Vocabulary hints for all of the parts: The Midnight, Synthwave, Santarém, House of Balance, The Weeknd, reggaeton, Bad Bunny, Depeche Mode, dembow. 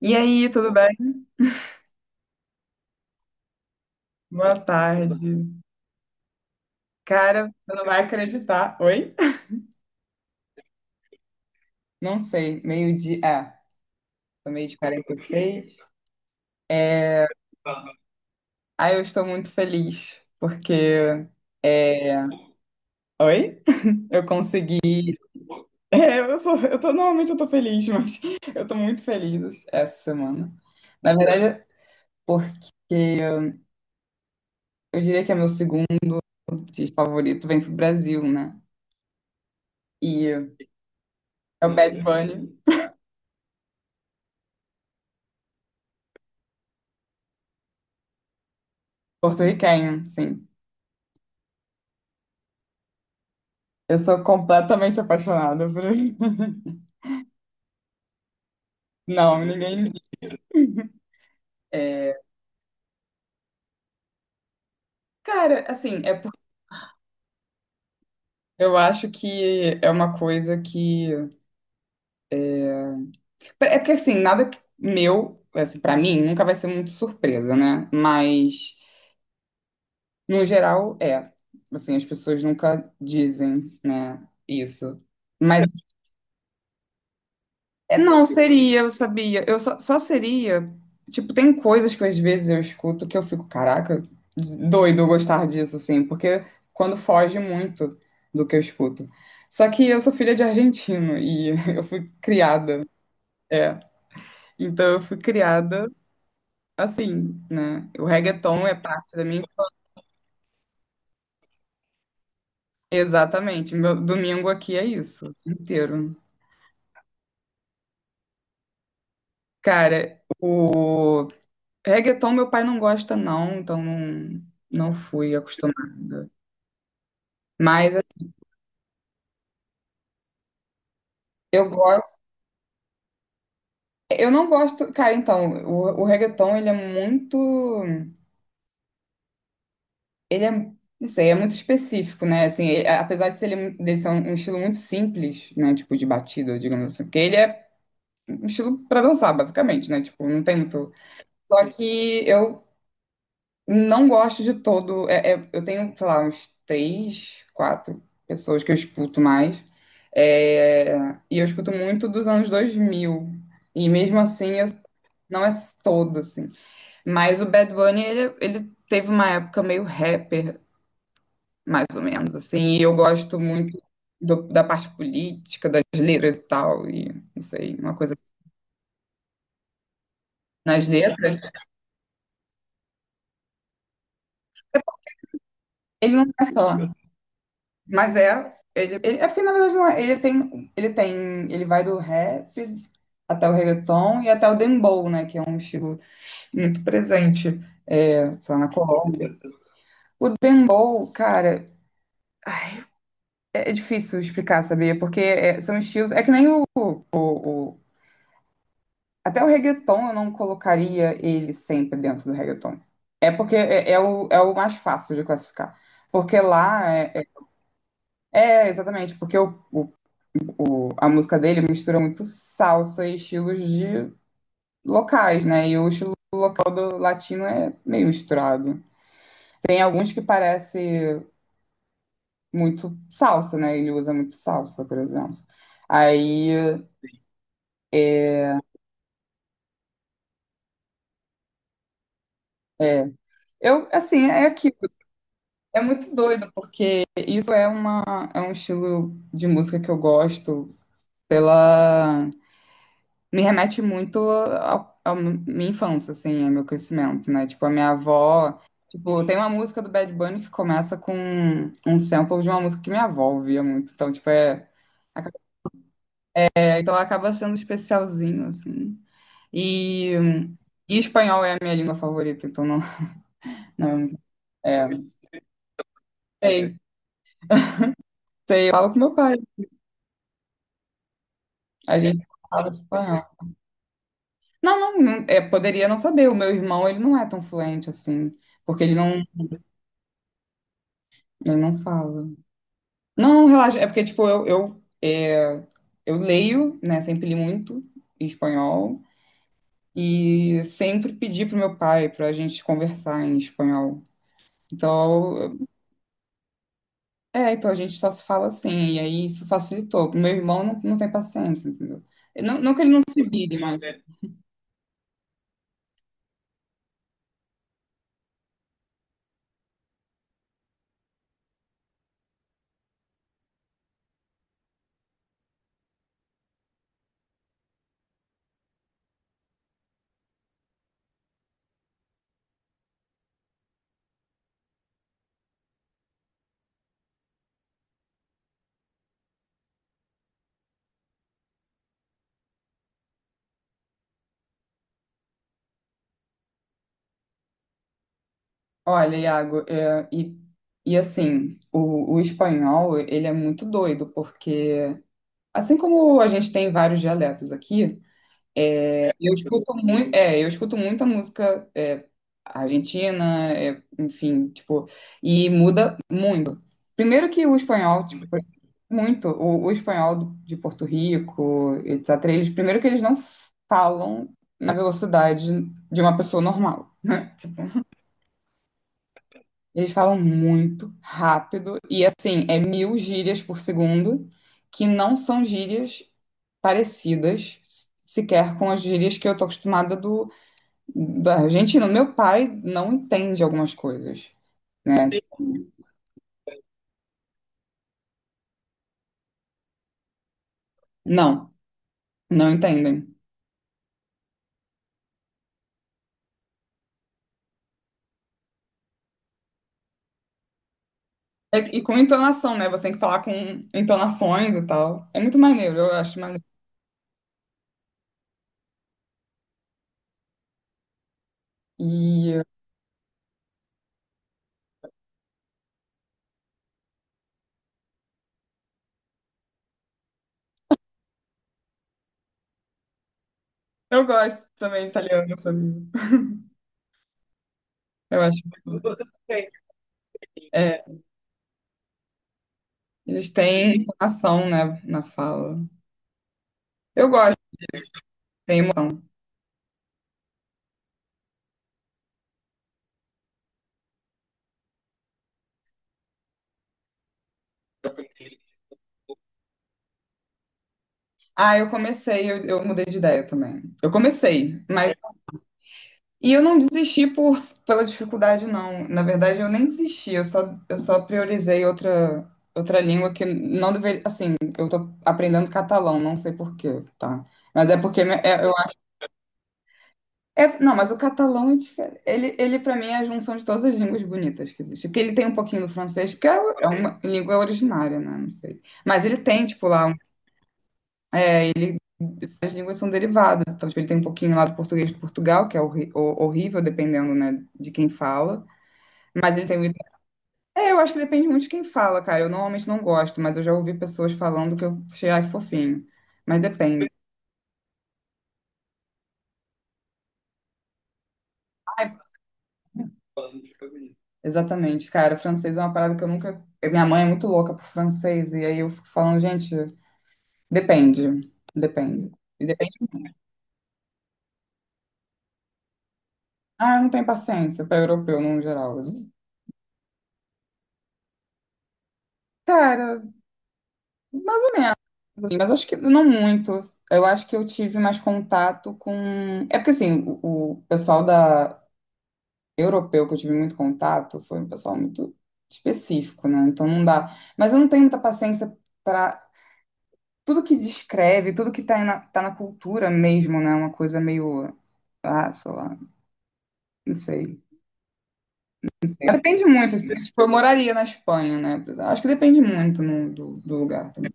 E aí, tudo bem? Boa tarde. Cara, você não vai acreditar. Oi? Não sei, meio-dia. É, tô meio de 46. Ah, eu estou muito feliz, porque. Oi? Eu consegui. É, eu tô, normalmente eu tô feliz, mas eu tô muito feliz essa semana. Na verdade, porque eu diria que é meu segundo artista favorito, vem pro Brasil, né? E é o Bad Bunny, porto-riquenho, sim. Eu sou completamente apaixonada por ele. Não, ninguém diz. É, cara, assim, é porque eu acho que é uma coisa que. É porque, assim, nada que- meu, assim, pra mim, nunca vai ser muito surpresa, né? Mas, no geral, é. Assim, as pessoas nunca dizem, né, isso. Mas é, não seria, eu sabia. Eu só, só seria. Tipo, tem coisas que às vezes eu escuto que eu fico, caraca, doido eu gostar disso, assim, porque quando foge muito do que eu escuto. Só que eu sou filha de argentino e eu fui criada, é. Então eu fui criada assim, né? O reggaeton é parte da minha. Exatamente. Meu domingo aqui é isso, o dia inteiro. Cara, o reggaeton meu pai não gosta não, então não, não fui acostumada. Mas assim, eu gosto, eu não gosto, cara, então, o reggaeton ele é muito, ele é, não sei, é muito específico, né? Assim, ele- apesar de ser, ele, mu- dele ser um, um estilo muito simples, né, tipo de batida, digamos assim, porque ele é um estilo pra dançar, basicamente, né? Tipo, não tem muito. Só que eu não gosto de todo. É- é- eu tenho, sei lá, uns três, quatro pessoas que eu escuto mais. É, e eu escuto muito dos anos 2000. E mesmo assim, eu- não é todo, assim. Mas o Bad Bunny, ele teve uma época meio rapper, mais ou menos, assim. E eu gosto muito do- da parte política, das letras e tal. E, não sei, uma coisa assim, nas letras. Ele não é só. Mas é, ele- é porque na verdade não é. Ele tem, ele tem, ele vai do rap até o reggaeton e até o dembow, né, que é um estilo muito presente, é, sei lá, na Colômbia. O dembow, cara, ai, é difícil explicar, sabia? Porque é, são estilos, é que nem o, o- até o reggaeton eu não colocaria ele sempre dentro do reggaeton. É porque é, é o, é o mais fácil de classificar. Porque lá é, é- é, exatamente, porque o- a música dele mistura muito salsa e estilos de locais, né? E o estilo todo latino é meio misturado. Tem alguns que parece muito salsa, né? Ele usa muito salsa, por exemplo. Aí, é. Eu, assim, é aquilo. É muito doido, porque isso é, uma, é um estilo de música que eu gosto pela me remete muito à minha infância, assim, ao meu crescimento, né? Tipo, a minha avó. Tipo, tem uma música do Bad Bunny que começa com um sample de uma música que minha avó ouvia muito. Então, tipo, é. É, então, ela acaba sendo especialzinho, assim. E, e espanhol é a minha língua favorita, então não, não sei. Sei, eu falo com meu pai. A gente fala espanhol. Não, não, não, é, poderia não saber. O meu irmão, ele não é tão fluente assim, porque ele não fala. Não, relaxa. É porque, tipo, eu, é, eu leio, né? Sempre li muito em espanhol. E sempre pedi pro meu pai pra gente conversar em espanhol. Então, é, então a gente só se fala assim. E aí isso facilitou. Meu irmão não, não tem paciência, entendeu? Não, não que ele não se vire, mas... Olha, Iago, é, e assim, o espanhol, ele é muito doido, porque... Assim como a gente tem vários dialetos aqui... Eu escuto muito, é, eu escuto muita música é, argentina, é, enfim, tipo, e muda muito. Primeiro que o espanhol, tipo, muito, o espanhol do- de Porto Rico, etc. Eles, primeiro que eles não falam na velocidade de uma pessoa normal. Eles falam muito rápido e assim, é mil gírias por segundo, que não são gírias parecidas sequer com as gírias que eu tô acostumada do da Argentina. Meu pai não entende algumas coisas, né? Tipo, não, não entendem. É- e com entonação, né? Você tem que falar com entonações e tal. É muito maneiro, eu acho maneiro. E eu gosto também de italiano, sabia? Eu acho. É, eles têm entonação, né, na fala. Eu gosto, tem emoção. Ah, eu comecei, eu mudei de ideia também. Eu comecei, mas e eu não desisti por, pela dificuldade, não. Na verdade, eu nem desisti, eu só priorizei outra, outra língua que não deveria. Assim, eu tô aprendendo catalão, não sei por quê, tá? Mas é porque me- é- eu acho. É, não, mas o catalão é diferente. Ele para mim, é a junção de todas as línguas bonitas que existem. Porque ele tem um pouquinho do francês, que é, o- é uma língua originária, né? Não sei. Mas ele tem, tipo, lá, um- as línguas são derivadas. Então, tipo, ele tem um pouquinho lá do português de Portugal, que é horri- ho- horrível, dependendo, né, de quem fala. Mas ele tem o é, eu acho que depende muito de quem fala, cara. Eu normalmente não gosto, mas eu já ouvi pessoas falando que eu achei, ai, fofinho. Mas depende. Ai, exatamente, cara. Francês é uma parada que eu nunca. Eu- minha mãe é muito louca por francês, e aí eu fico falando, gente, depende. Depende. E depende. Ah, eu não tenho paciência para europeu no geral. Cara, assim, mas acho que não muito. Eu acho que eu tive mais contato com. É porque assim, o pessoal da europeu que eu tive muito contato foi um pessoal muito específico, né? Então não dá. Mas eu não tenho muita paciência para tudo que descreve, tudo que tá na, tá na cultura mesmo, né? Uma coisa meio. Ah, sei lá, não sei. Depende muito. Tipo, tipo, eu moraria na Espanha, né? Acho que depende muito no- do, do lugar também.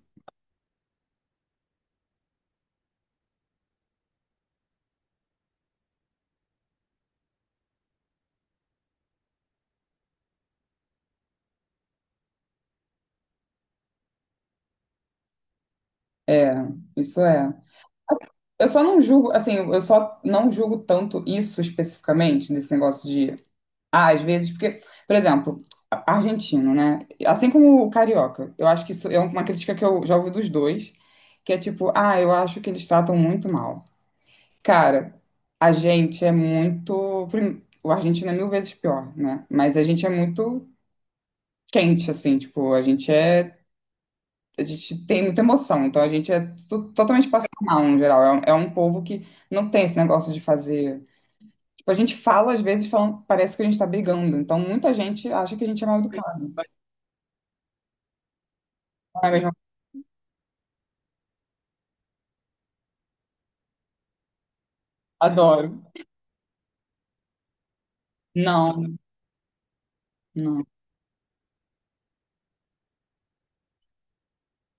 É, isso é. Eu só não julgo, assim, eu só não julgo tanto isso especificamente, desse negócio de ah, às vezes, porque, por exemplo, a- argentino, né? Assim como o carioca, eu acho que isso é uma crítica que eu já ouvi dos dois, que é tipo, ah, eu acho que eles tratam muito mal. Cara, a gente é muito. Prim- o argentino é mil vezes pior, né? Mas a gente é muito quente, assim, tipo, a gente é. A gente tem muita emoção, então a gente é to- totalmente passional, no geral. É um povo que não tem esse negócio de fazer. Tipo, a gente fala, às vezes, falando, parece que a gente tá brigando. Então, muita gente acha que a gente é mal na mesma. Adoro. Não, não.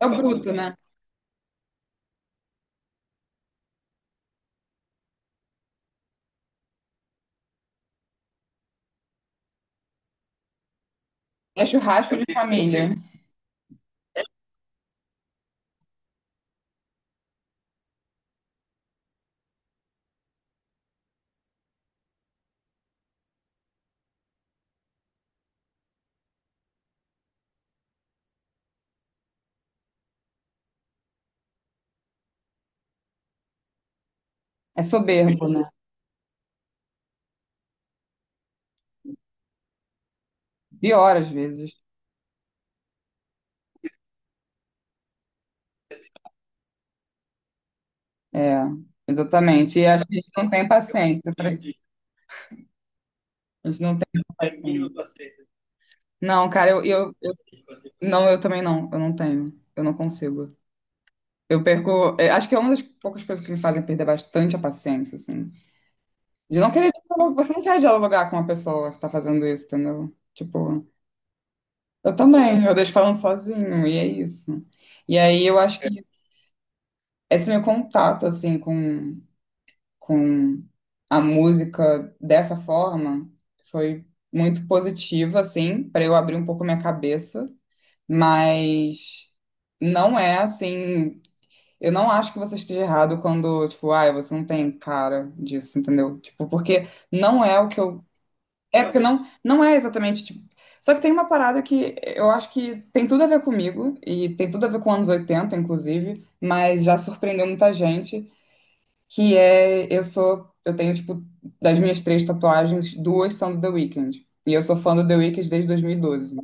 É o bruto, né? É churrasco de família. É soberbo, né? Pior às vezes. É, exatamente. E acho que a gente não tem paciência para isso. A gente não tem paciência. Não, cara, eu- não, eu também não. Eu não tenho. Eu não consigo. Eu perco. É, acho que é uma das poucas coisas que me fazem perder bastante a paciência, assim. De não querer dialogar. Você não quer dialogar com uma pessoa que tá fazendo isso, entendeu? Tipo. Eu também, eu deixo falando sozinho, e é isso. E aí eu acho que esse meu contato, assim, com a música dessa forma foi muito positivo, assim, para eu abrir um pouco minha cabeça, mas não é assim. Eu não acho que você esteja errado quando, tipo, ai, você não tem cara disso, entendeu? Tipo, porque não é o que eu é, porque não, não é exatamente tipo. Só que tem uma parada que eu acho que tem tudo a ver comigo, e tem tudo a ver com anos 80 inclusive, mas já surpreendeu muita gente, que é eu sou, eu tenho, tipo, das minhas três tatuagens, duas são do The Weeknd. E eu sou fã do The Weeknd desde 2012.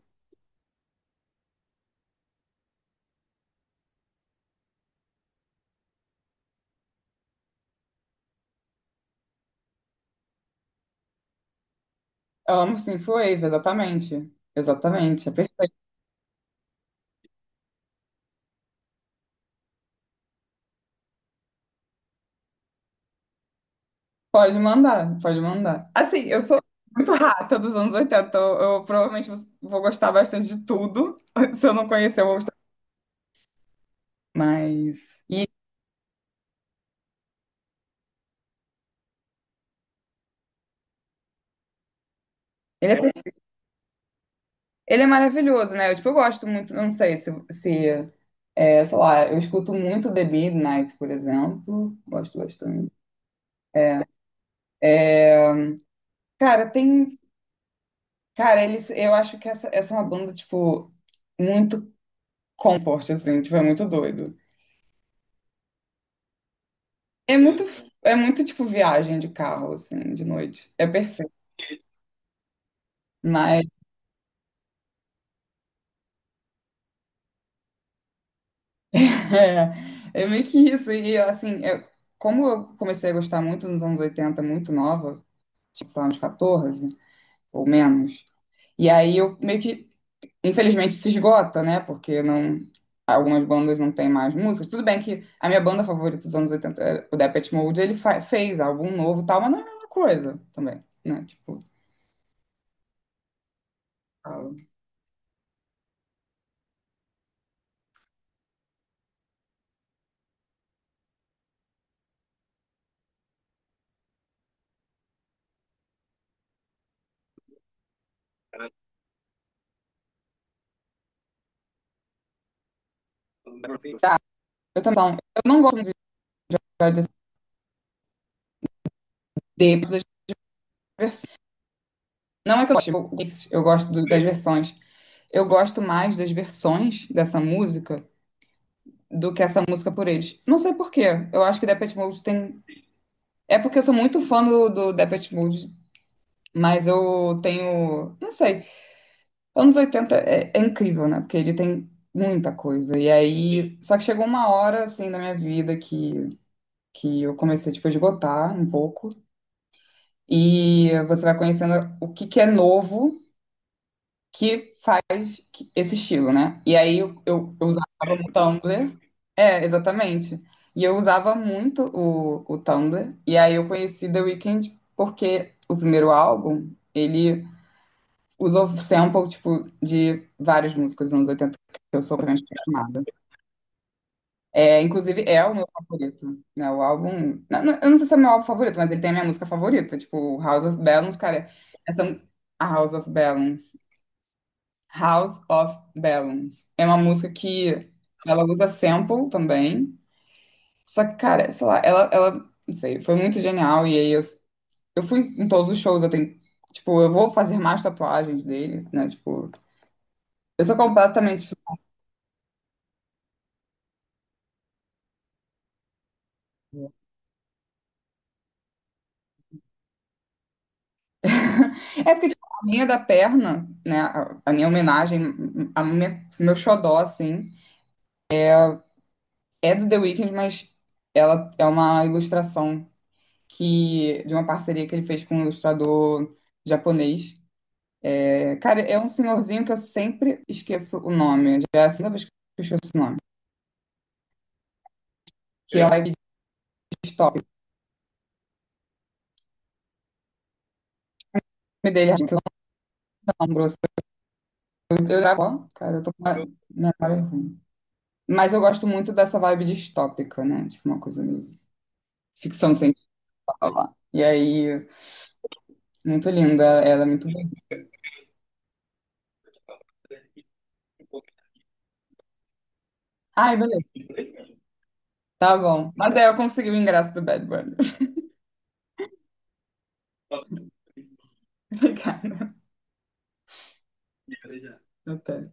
Amo Synthwave, exatamente. Exatamente, é perfeito. Pode mandar, pode mandar. Assim, eu sou muito rata dos anos 80 então eu provavelmente vou gostar bastante de tudo. Se eu não conhecer, eu vou gostar. Mas ele é, perfe- ele é maravilhoso, né? Eu, tipo, eu gosto muito, eu não sei se, se é, sei lá, eu escuto muito The Midnight, por exemplo. Gosto bastante. É. Cara, tem. Cara, eles, eu acho que essa é uma banda, tipo, muito comfort, assim, tipo, é muito doido. É muito, é muito, tipo, viagem de carro, assim, de noite. É perfeito. Mas é, é meio que isso. E assim, eu- como eu comecei a gostar muito nos anos 80, muito nova, tipo, sei lá, uns 14 ou menos, e aí eu meio que, infelizmente, se esgota, né? Porque não, algumas bandas não têm mais músicas. Tudo bem que a minha banda favorita dos anos 80, é o Depeche Mode, ele fa- fez álbum novo e tal, mas não é a mesma coisa também, né? Tipo, eu também não, eu não gosto muito das de- das versões. Não é que eu gosto do- das versões. Eu gosto mais das versões dessa música do que essa música por eles. Não sei por quê. Eu acho que Depeche Mode tem. É porque eu sou muito fã do, do Depeche Mode. Mas eu tenho, não sei, anos 80 é, é incrível, né? Porque ele tem muita coisa. E aí, só que chegou uma hora, assim, na minha vida que eu comecei, tipo, a esgotar um pouco. E você vai conhecendo o que que é novo que esse estilo, né? E aí eu usava o Tumblr. É, exatamente. E eu usava muito o Tumblr. E aí eu conheci The Weeknd porque o primeiro álbum, ele usou sample, tipo, de vários músicos dos anos 80 que eu sou transformada. É, inclusive, é o meu favorito, né? O álbum... Não, não, eu não sei se é o meu álbum favorito, mas ele tem a minha música favorita, tipo, House of Balance, cara. Essa... A House of Balance. House of Balance. É uma música que ela usa sample também. Só que, cara, sei lá, ela, não sei, foi muito genial. E aí eu fui em todos os shows, eu tenho, tipo, eu vou fazer mais tatuagens dele, né? Tipo, eu sou completamente é porque, tipo, a minha da perna, né? A minha homenagem, a minha, meu xodó, assim, é do The Weeknd, mas ela é uma ilustração que, de uma parceria que ele fez com um ilustrador japonês. É, cara, é um senhorzinho que eu sempre esqueço o nome. Já é a segunda vez que eu esqueço o nome. Que é o Live de Stop. O nome dele, que eu não lembro. Eu gravo, cara, eu tô com uma memória ruim. Mas eu gosto muito dessa vibe distópica, né? Tipo, uma coisa meio ficção aula. E aí, muito linda, ela é muito bonita. Ai, beleza, tá bom. Mas aí eu consegui o ingresso do Bad Bunny. Obrigada. Até.